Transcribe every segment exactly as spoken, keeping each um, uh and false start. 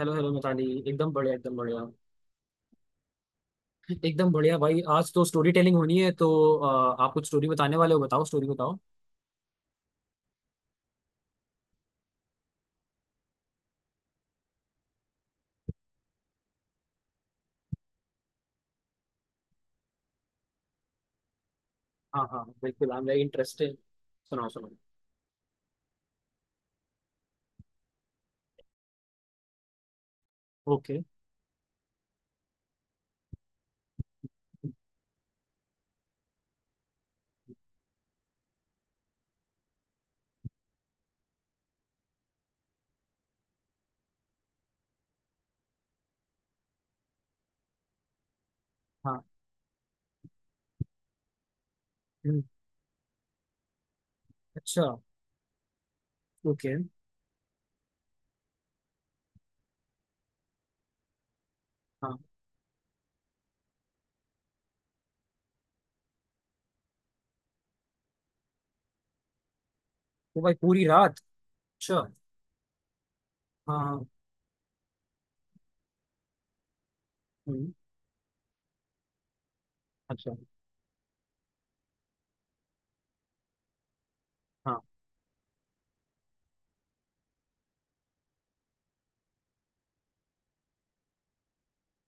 Hello hello Mitali. एकदम बढ़िया एकदम बढ़िया एकदम बढ़िया भाई। आज तो स्टोरी टेलिंग होनी है तो अ, आप कुछ स्टोरी बताने वाले हो, बताओ स्टोरी बताओ। हाँ हाँ बिल्कुल, आई एम वेरी इंटरेस्टेड। सुनाओ सुनाओ। ओके। हाँ। हम्म। अच्छा। ओके। हाँ। तो भाई पूरी रात। अच्छा। हाँ। हाँ। हम्म। अच्छा। हाँ।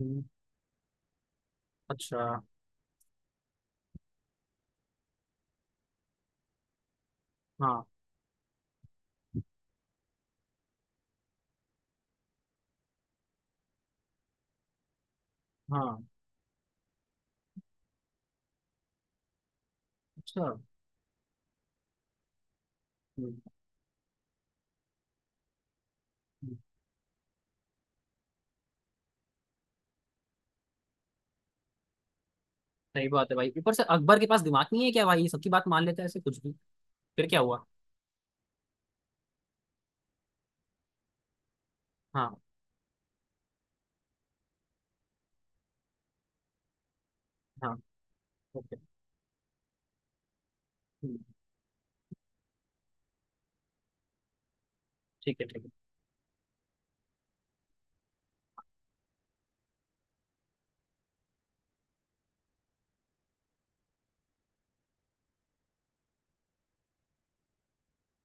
हम्म। अच्छा। हाँ। हाँ। अच्छा। हम्म। हम्म। सही बात है भाई, ऊपर से अकबर के पास दिमाग नहीं है क्या भाई? ये सबकी बात मान लेता है ऐसे कुछ भी। फिर क्या हुआ? हाँ। हाँ। ओके। हम्म। ठीक है। ठीक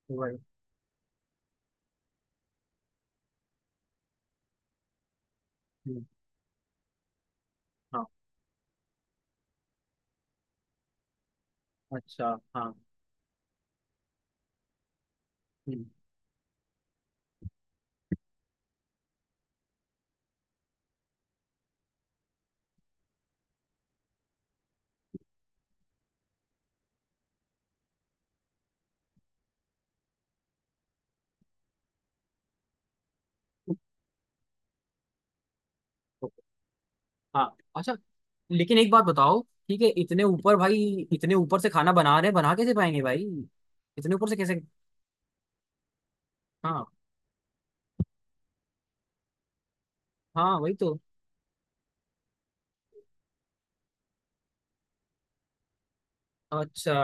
है। भाई। हाँ। अच्छा। हाँ। हम्म। तो। हाँ अच्छा। लेकिन एक बात बताओ। ठीक है इतने ऊपर भाई, इतने ऊपर से खाना बना रहे हैं, बना कैसे पाएंगे भाई? इतने ऊपर से कैसे? हाँ। हाँ वही तो। अच्छा।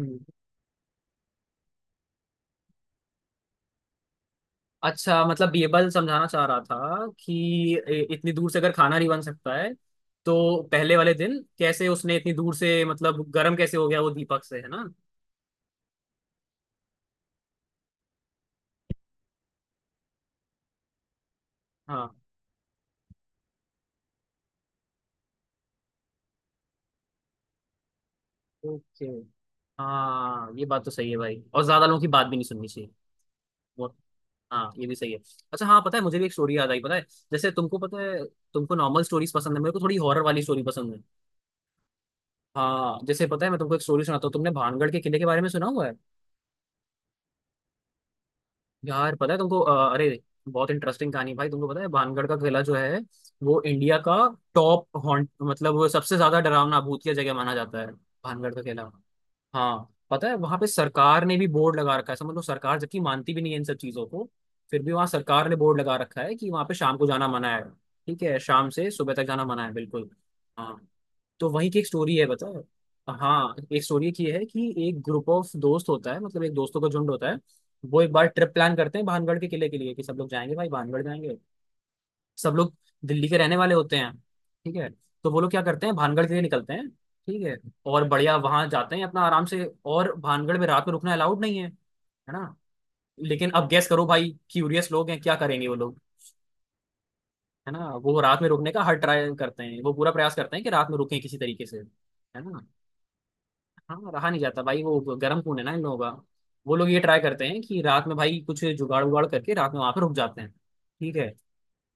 हम्म। अच्छा मतलब ये बात समझाना चाह रहा था कि ए- इतनी दूर से अगर खाना नहीं बन सकता है तो पहले वाले दिन कैसे उसने इतनी दूर से मतलब गर्म कैसे हो गया वो दीपक से, है ना। हाँ। ओके। हाँ ये बात तो सही है भाई, और ज्यादा लोगों की बात भी नहीं सुननी चाहिए। वो- हाँ ये भी सही है। अच्छा हाँ, पता है मुझे भी एक स्टोरी याद आई, पता है। जैसे तुमको पता है, तुमको नॉर्मल स्टोरीज पसंद है, मेरे को थोड़ी हॉरर वाली स्टोरी पसंद है। हाँ जैसे पता है, मैं तुमको एक स्टोरी सुनाता हूँ। तुमने भानगढ़ के किले के बारे में सुना हुआ है? यार पता है तुमको अ, अरे, बहुत इंटरेस्टिंग कहानी है भाई। तुमको पता है भानगढ़ का किला जो है वो इंडिया का टॉप हॉन्ट, मतलब वो सबसे ज्यादा डरावना भूतिया जगह माना जाता है, भानगढ़ का किला। हाँ पता है वहां पे सरकार ने भी बोर्ड लगा रखा है, समझ लो, सरकार जबकि मानती भी नहीं है इन सब चीजों को। फिर भी वहां सरकार ने बोर्ड लगा रखा है कि वहां पे शाम को जाना मना है। ठीक है, शाम से सुबह तक जाना मना है बिल्कुल। हाँ। तो वहीं की एक स्टोरी है, बता। हाँ एक स्टोरी की है कि एक ग्रुप ऑफ दोस्त होता है, मतलब एक दोस्तों का झुंड होता है। वो एक बार ट्रिप प्लान करते हैं भानगढ़ के किले के लिए कि सब लोग जाएंगे भाई, भानगढ़ जाएंगे। सब लोग दिल्ली के रहने वाले होते हैं। ठीक है। तो वो लोग क्या करते हैं, भानगढ़ के लिए निकलते हैं, ठीक है, और बढ़िया वहां जाते हैं अपना आराम से। और भानगढ़ में रात में रुकना अलाउड नहीं है, है ना। लेकिन अब गेस करो भाई, क्यूरियस लोग हैं, क्या करेंगे वो लोग? है ना, वो रात में रुकने का हर ट्राई करते हैं, वो पूरा प्रयास करते हैं कि रात में रुकें किसी तरीके से, है ना। हाँ रहा नहीं जाता भाई, वो गर्म खून है ना इन लोगों का। वो लोग ये ट्राई करते हैं कि रात में भाई कुछ जुगाड़ उगाड़ करके रात में वहां पर रुक जाते हैं। ठीक है।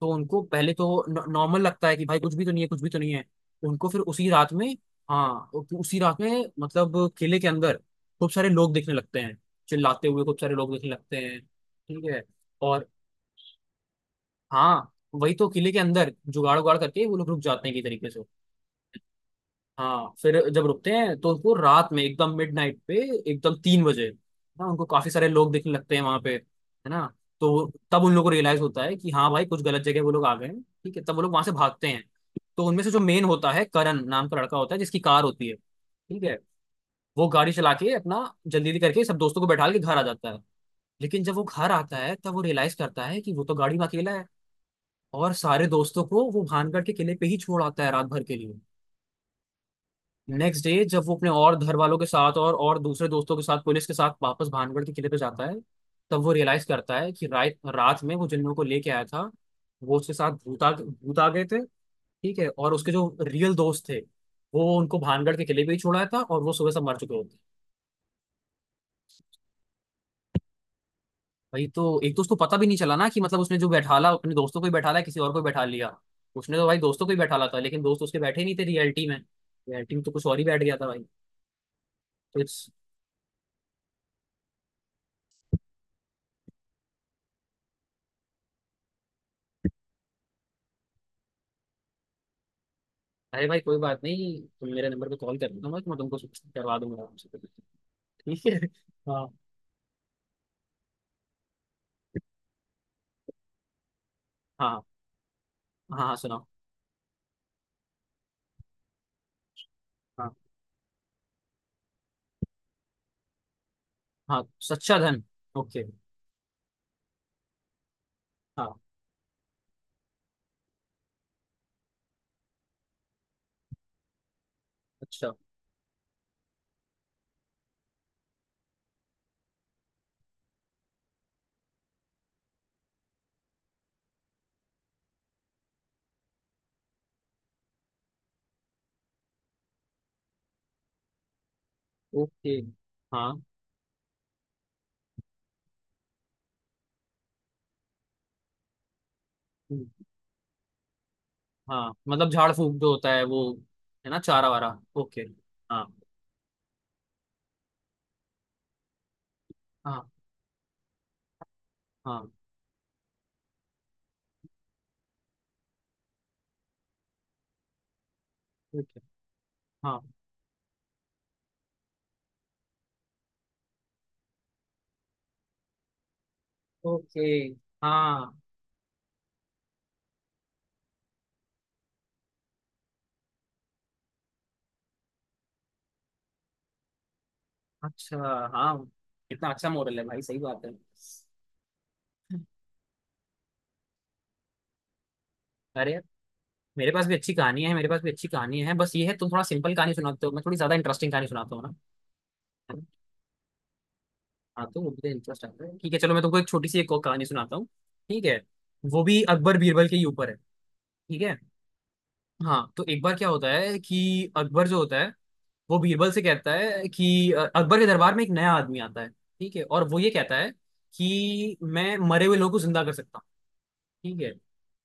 तो उनको पहले तो नॉर्मल लगता है कि भाई कुछ भी तो नहीं है, कुछ भी तो नहीं है। उनको फिर उसी रात में, हाँ उ- उसी रात में मतलब किले के अंदर खूब सारे लोग दिखने लगते हैं, चिल्लाते हुए खूब सारे लोग दिखने लगते हैं। ठीक है। और हाँ, वही तो, किले के अंदर जुगाड़ उगाड़ करके वो लोग रुक जाते हैं एक तरीके से। हाँ फिर जब रुकते हैं तो उनको रात में एकदम मिडनाइट पे, एकदम तीन बजे ना, उनको काफी सारे लोग दिखने लगते हैं वहां पे, है ना। तो तब उन लोगों को रियलाइज होता है कि हाँ भाई कुछ गलत जगह वो लोग आ गए हैं। ठीक है, तब वो लोग वहां से भागते हैं। तो उनमें से जो मेन होता है, करण नाम का लड़का होता है जिसकी कार होती है, ठीक है, वो गाड़ी चला के अपना जल्दी जल्दी करके सब दोस्तों को बैठा के घर आ जाता है। लेकिन जब वो घर आता है तब वो रियलाइज करता है कि वो तो गाड़ी में अकेला है। और सारे दोस्तों को वो भानगढ़ के किले पे ही छोड़ आता है रात भर के लिए। नेक्स्ट डे जब वो अपने और घर वालों के साथ और और दूसरे दोस्तों के साथ पुलिस के साथ वापस भानगढ़ के किले पे जाता है, तब वो रियलाइज करता है कि रात रात में वो जिन लोगों को लेके आया था वो उसके साथ भूत आ भूत आ गए थे। ठीक है, और उसके जो रियल दोस्त थे वो उनको भानगढ़ के किले पे ही छोड़ा था, और वो सुबह से मर चुके होते। भाई तो एक तो उसको पता भी नहीं चला ना, कि मतलब उसने जो बैठाला अपने दोस्तों को ही बैठाला है, किसी और को ही बैठा लिया। उसने तो भाई दोस्तों को ही बैठाला था लेकिन दोस्त उसके बैठे ही नहीं थे रियलिटी में। रियलिटी में तो कुछ और ही बैठ गया था भाई। तो इट्स। अरे भाई कोई बात नहीं, तुम मेरे नंबर पे कॉल कर लेना, मैं मैं तुमको करवा दूंगा आराम से। ठीक है। हाँ। हाँ। हाँ हाँ सुनाओ। हाँ। हाँ। सच्चा धन। ओके। हाँ। अच्छा। ओके। हाँ। हम्म। हाँ मतलब झाड़ फूक जो होता है, वो, है ना, चारा वारा, ओके। हाँ। हाँ। हाँ। ओके। हाँ। ओके। हाँ। अच्छा। हाँ कितना अच्छा मॉडल है भाई, सही बात है। अरे मेरे पास भी अच्छी कहानी है, मेरे पास भी अच्छी कहानी है, बस ये है तुम थोड़ा सिंपल कहानी सुनाते हो, मैं थोड़ी ज्यादा इंटरेस्टिंग कहानी सुनाता हूँ ना। हाँ तो वो मुझे इंटरेस्ट आता है। ठीक है, चलो मैं तुमको एक छोटी सी एक और कहानी सुनाता हूँ। ठीक है। वो भी अकबर बीरबल के ही ऊपर है। ठीक है। हाँ तो एक बार क्या होता है कि अकबर जो होता है वो बीरबल से कहता है कि अ, अकबर के दरबार में एक नया आदमी आता है, ठीक है, और वो ये कहता है कि मैं मरे हुए लोगों को जिंदा कर सकता हूँ। ठीक है।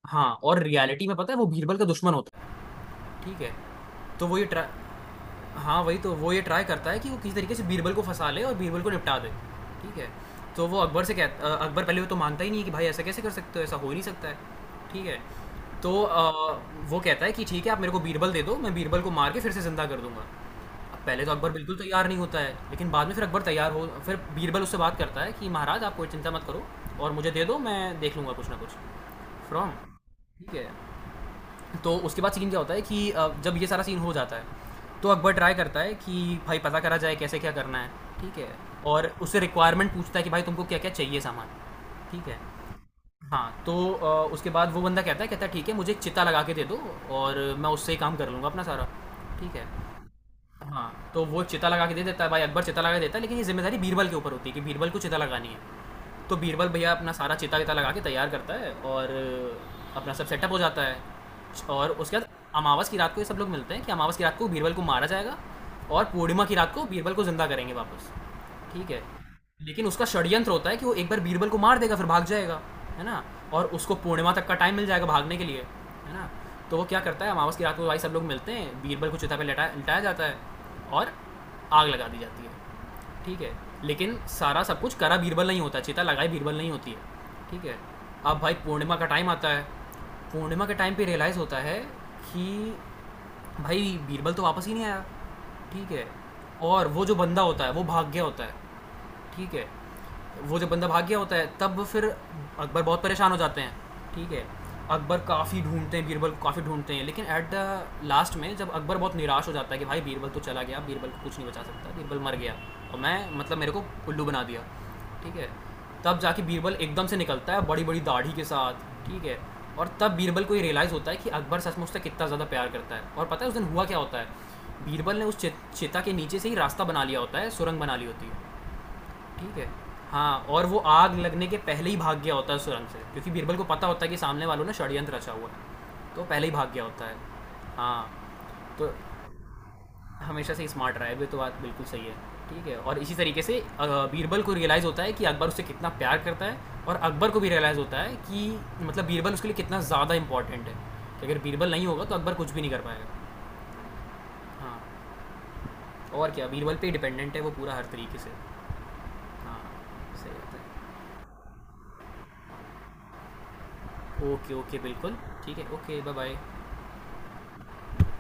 हाँ और रियलिटी में पता है, वो बीरबल का दुश्मन होता है, ठीक है। तो वो ये ट्रा- हाँ, वही तो, वो ये ट्राई करता है कि वो किसी तरीके से बीरबल को फंसा ले और बीरबल को निपटा दे। ठीक है। तो वो अकबर से कहता अ, अकबर पहले वो तो मानता ही नहीं है कि भाई ऐसा कैसे कर सकते हो, ऐसा हो ही नहीं सकता है। ठीक है। तो अ, वो कहता है कि ठीक है आप मेरे को बीरबल दे दो, मैं बीरबल को मार के फिर से ज़िंदा कर दूंगा। अब पहले तो अकबर बिल्कुल तैयार नहीं होता है, लेकिन बाद में फिर अकबर तैयार हो, फिर बीरबल उससे बात करता है कि महाराज आप कोई चिंता मत करो और मुझे दे दो, मैं देख लूँगा कुछ ना कुछ। फ्रॉम। ठीक है। तो उसके बाद सीन क्या होता है कि अ, जब ये सारा सीन हो जाता है तो अकबर ट्राई करता है कि भाई पता करा जाए कैसे क्या करना है। ठीक है। और उससे रिक्वायरमेंट पूछता है कि भाई तुमको क्या क्या चाहिए सामान। ठीक है। हाँ तो अ, उसके बाद वो बंदा कहता है, कहता है ठीक है मुझे एक चिता लगा के दे दो और मैं उससे ही काम कर लूँगा अपना सारा। ठीक है। हाँ, तो वो चिता लगा के दे देता है भाई, अकबर चिता लगा के देता है लेकिन ये जिम्मेदारी बीरबल के ऊपर होती है कि बीरबल को चिता लगानी है। तो बीरबल भैया अपना सारा चिता विता लगा के तैयार करता है और अपना सब सेटअप हो जाता है। और उसके बाद अमावस की रात को ये सब लोग मिलते हैं कि अमावस की रात को बीरबल को मारा जाएगा और पूर्णिमा की रात को बीरबल को ज़िंदा करेंगे वापस। ठीक है। लेकिन उसका षड्यंत्र होता है कि वो एक बार बीरबल को मार देगा फिर भाग जाएगा, है ना, और उसको पूर्णिमा तक का टाइम मिल जाएगा भागने के लिए, है ना। तो वो क्या करता है, अमावस की रात को भाई सब लोग मिलते हैं, बीरबल को चिता पे लटा लिटाया जाता है और आग लगा दी जाती है। ठीक है। लेकिन सारा सब कुछ करा बीरबल नहीं होता, चिता लगाई बीरबल नहीं होती है। ठीक है। अब भाई पूर्णिमा का टाइम आता है, पूर्णिमा के टाइम पे रियलाइज़ होता है कि भाई बीरबल तो वापस ही नहीं आया। ठीक है। और वो जो बंदा होता है वो भाग गया होता है। ठीक है। वो जब बंदा भाग गया होता है तब फिर अकबर बहुत परेशान हो जाते हैं। ठीक है। अकबर काफ़ी ढूंढते हैं बीरबल को, काफ़ी ढूंढते हैं लेकिन एट द लास्ट में जब अकबर बहुत निराश हो जाता है कि भाई बीरबल तो चला गया, बीरबल को कुछ नहीं बचा सकता, बीरबल मर गया और मैं, मतलब मेरे को उल्लू बना दिया। ठीक है। तब जाके बीरबल एकदम से निकलता है बड़ी बड़ी दाढ़ी के साथ। ठीक है। और तब बीरबल को ये रियलाइज़ होता है कि अकबर सच में उससे कितना ज़्यादा प्यार करता है। और पता है उस दिन हुआ क्या होता है, बीरबल ने उस चे- चेता के नीचे से ही रास्ता बना लिया होता है, सुरंग बना ली होती है। ठीक है। हाँ और वो आग लगने के पहले ही भाग गया होता है सुरंग से, क्योंकि बीरबल को पता होता है कि सामने वालों ने षड्यंत्र रचा हुआ है, तो पहले ही भाग गया होता है। हाँ तो हमेशा से स्मार्ट रहा है, ये तो बात बिल्कुल सही है। ठीक है और इसी तरीके से अ, बीरबल को रियलाइज़ होता है कि अकबर उससे कितना प्यार करता है, और अकबर को भी रियलाइज़ होता है कि मतलब बीरबल उसके लिए कितना ज़्यादा इंपॉर्टेंट है, कि अगर बीरबल नहीं होगा तो अकबर कुछ भी नहीं कर पाएगा। हाँ और क्या, बीरबल पे डिपेंडेंट है वो पूरा हर तरीके से। हाँ सही बात है। ओके ओके बिल्कुल। ठीक है ओके बाय बाय।